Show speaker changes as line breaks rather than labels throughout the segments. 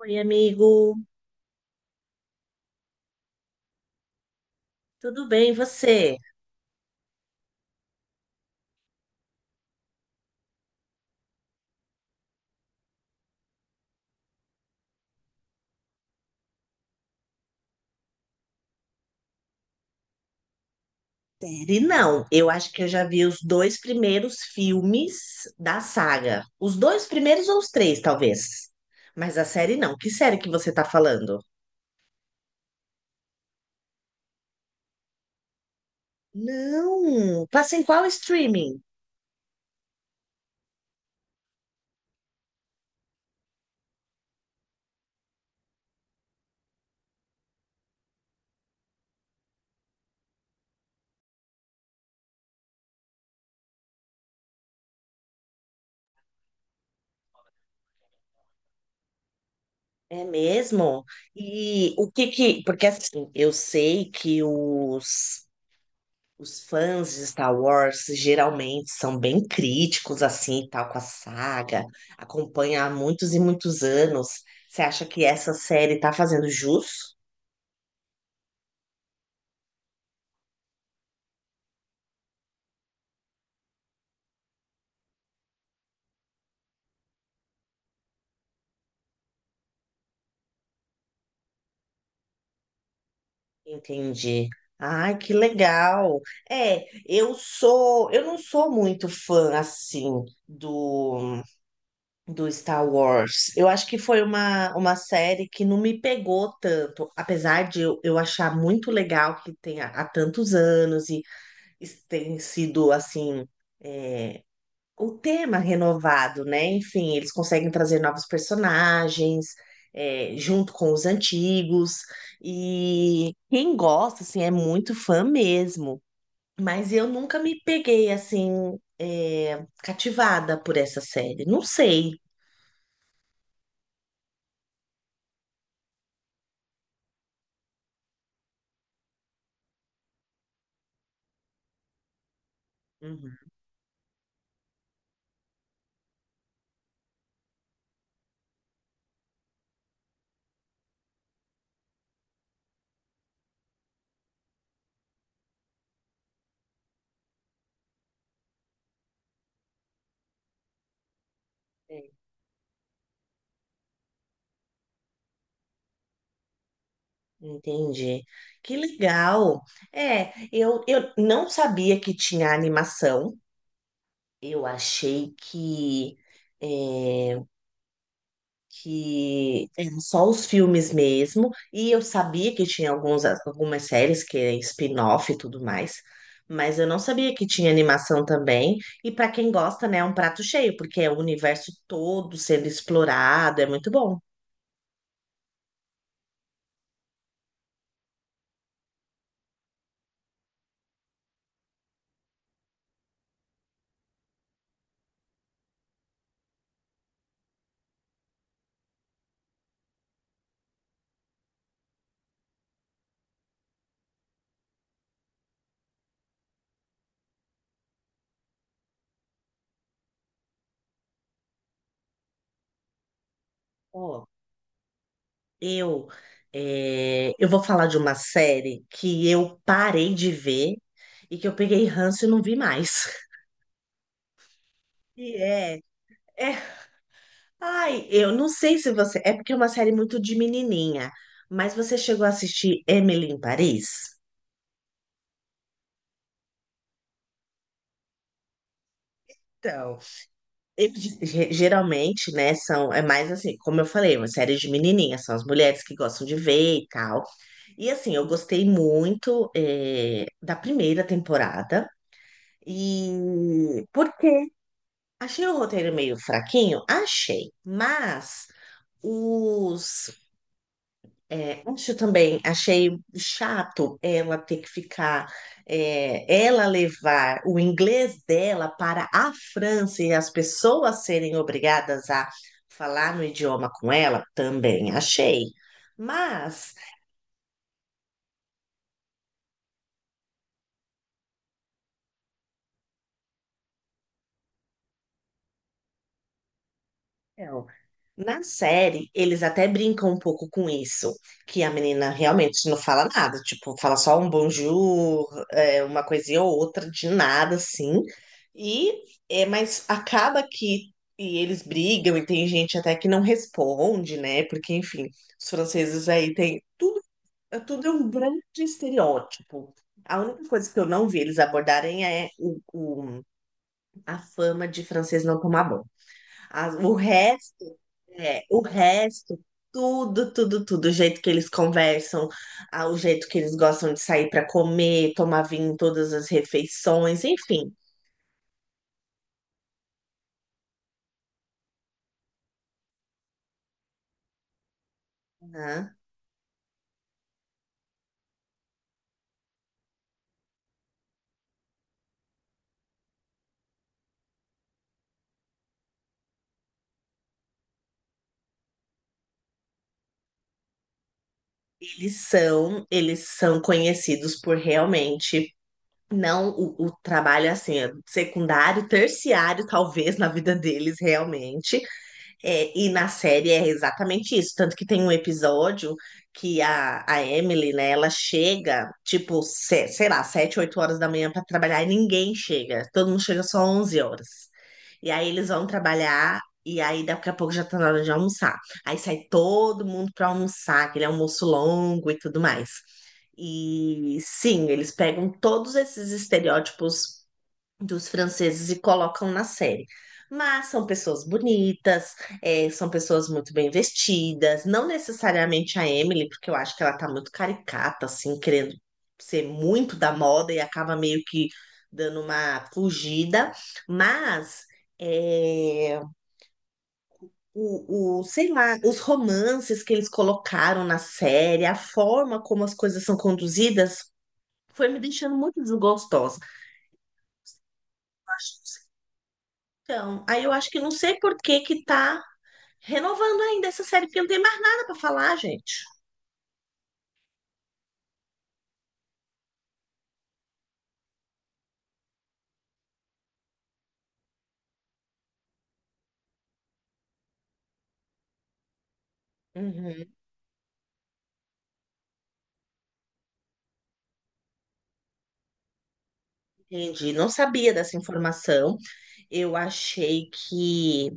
Oi, amigo. Tudo bem, e você? Série não. Eu acho que eu já vi os dois primeiros filmes da saga. Os dois primeiros ou os três, talvez. Mas a série não. Que série que você tá falando? Não. Passa em qual streaming? É mesmo? E o que que... Porque assim, eu sei que os fãs de Star Wars geralmente são bem críticos assim, e tal, com a saga, acompanha há muitos e muitos anos. Você acha que essa série tá fazendo jus? Entendi. Ai, que legal. Eu não sou muito fã assim do do Star Wars. Eu acho que foi uma série que não me pegou tanto, apesar de eu achar muito legal que tenha há tantos anos tem sido assim é, o tema renovado, né? Enfim, eles conseguem trazer novos personagens, junto com os antigos, e quem gosta assim é muito fã mesmo. Mas eu nunca me peguei assim cativada por essa série. Não sei. Uhum. É, Entendi. Que legal. Eu não sabia que tinha animação. Eu achei que é, que eram só os filmes mesmo, e eu sabia que tinha alguns, algumas séries que é spin-off e tudo mais, mas eu não sabia que tinha animação também. E para quem gosta, né, é um prato cheio, porque é o universo todo sendo explorado, é muito bom. Ó, eu eu vou falar de uma série que eu parei de ver e que eu peguei ranço e não vi mais. E é. Ai, eu não sei se você. É porque é uma série muito de menininha, mas você chegou a assistir Emily em Paris? Então, eu, geralmente, né, são, é mais assim, como eu falei, uma série de menininha são as mulheres que gostam de ver e tal. E assim, eu gostei muito, da primeira temporada. E por quê? Achei o roteiro meio fraquinho? Achei. Mas os... É, isso também achei chato ela ter que ficar, ela levar o inglês dela para a França e as pessoas serem obrigadas a falar no idioma com ela, também achei. Mas... Então, na série, eles até brincam um pouco com isso, que a menina realmente não fala nada, tipo, fala só um bonjour, uma coisinha ou outra, de nada, assim. E, mas acaba que e eles brigam e tem gente até que não responde, né? Porque, enfim, os franceses aí tem tudo, tudo é um grande estereótipo. A única coisa que eu não vi eles abordarem é a fama de francês não tomar banho. O resto, o resto, tudo, tudo, tudo, o jeito que eles conversam, ah, o jeito que eles gostam de sair para comer, tomar vinho em todas as refeições, enfim, né? Eles são conhecidos por realmente não o trabalho assim, é secundário, terciário, talvez na vida deles realmente. É, e na série é exatamente isso. Tanto que tem um episódio que a Emily, né, ela chega, tipo, sei lá, sete, oito horas da manhã para trabalhar e ninguém chega. Todo mundo chega só 11 horas. E aí eles vão trabalhar e aí daqui a pouco já tá na hora de almoçar. Aí sai todo mundo para almoçar, aquele almoço longo e tudo mais. E sim, eles pegam todos esses estereótipos dos franceses e colocam na série. Mas são pessoas bonitas, são pessoas muito bem vestidas, não necessariamente a Emily, porque eu acho que ela tá muito caricata, assim, querendo ser muito da moda e acaba meio que dando uma fugida, mas eh, sei lá, os romances que eles colocaram na série, a forma como as coisas são conduzidas, foi me deixando muito desgostosa. Então, aí eu acho que não sei por que que tá renovando ainda essa série, porque não tem mais nada para falar, gente. Uhum, entendi. Não sabia dessa informação. Eu achei que...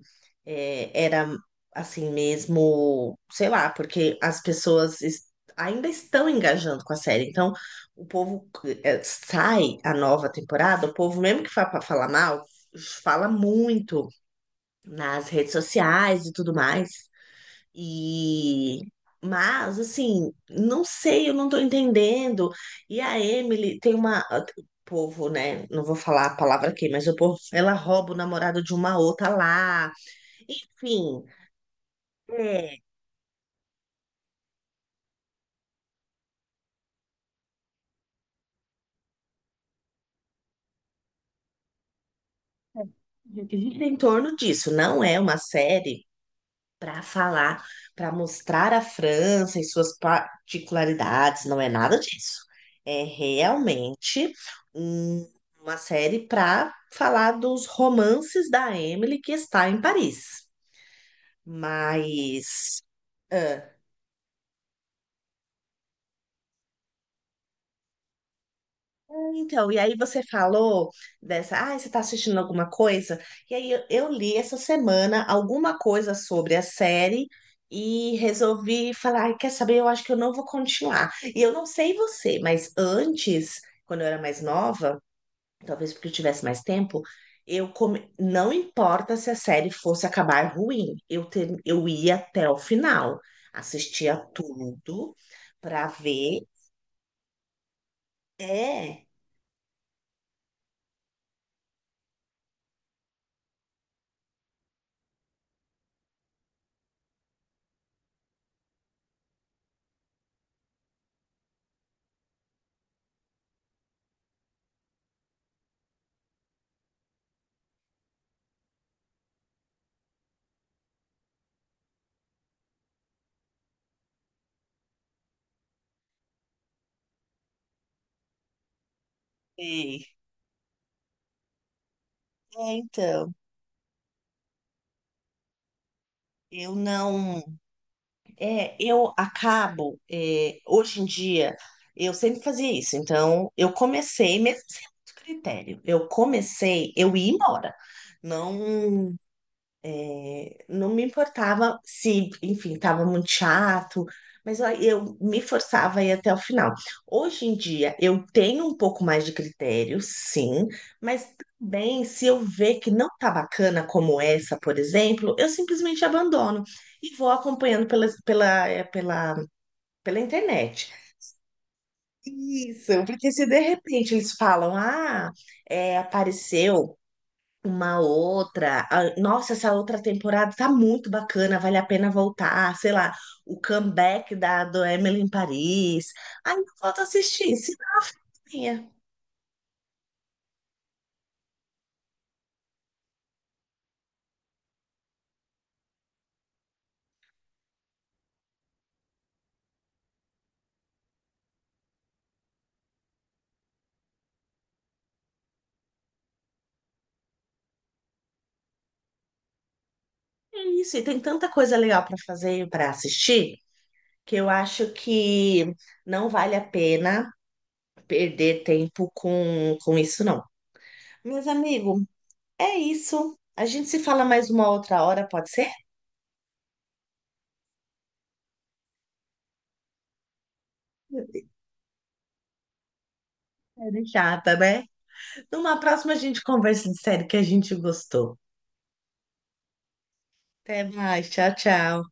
É, era assim mesmo, sei lá, porque as pessoas ainda estão engajando com a série. Então, o povo sai a nova temporada, o povo, mesmo que fa pra falar mal, fala muito nas redes sociais e tudo mais. E mas assim, não sei, eu não tô entendendo. E a Emily tem uma o povo, né? Não vou falar a palavra aqui, mas o povo, ela rouba o namorado de uma outra lá. Enfim, é, que gira em torno disso. Não é uma série para falar, para mostrar a França e suas particularidades, não é nada disso. É realmente um- uma série para falar dos romances da Emily que está em Paris. Mas... Então, e aí você falou dessa, ah, você está assistindo alguma coisa? E aí eu li essa semana alguma coisa sobre a série e resolvi falar, "Ai, quer saber? Eu acho que eu não vou continuar." E eu não sei você, mas antes, quando eu era mais nova, talvez porque eu tivesse mais tempo, eu não importa se a série fosse acabar ruim, eu ia até o final, assistia tudo para ver. É, sei. Então. Eu não. É, eu acabo. Hoje em dia, eu sempre fazia isso. Então, eu comecei, mesmo sem muito critério, eu comecei, eu ia embora. Não, não me importava se, enfim, estava muito chato, mas ó, eu me forçava a ir até o final. Hoje em dia, eu tenho um pouco mais de critério, sim, mas também se eu ver que não tá bacana como essa, por exemplo, eu simplesmente abandono e vou acompanhando pela internet. Isso, porque se de repente eles falam, ah, apareceu uma outra. Ah, nossa, essa outra temporada tá muito bacana, vale a pena voltar. Sei lá, o comeback da do Emily em Paris. Ai, não falta assistir, cineminha. É isso, e tem tanta coisa legal para fazer e para assistir que eu acho que não vale a pena perder tempo com isso, não. Meus amigos, é isso. A gente se fala mais uma outra hora, pode ser? É chata, né? Numa próxima a gente conversa de série que a gente gostou. Até mais. Tchau, tchau.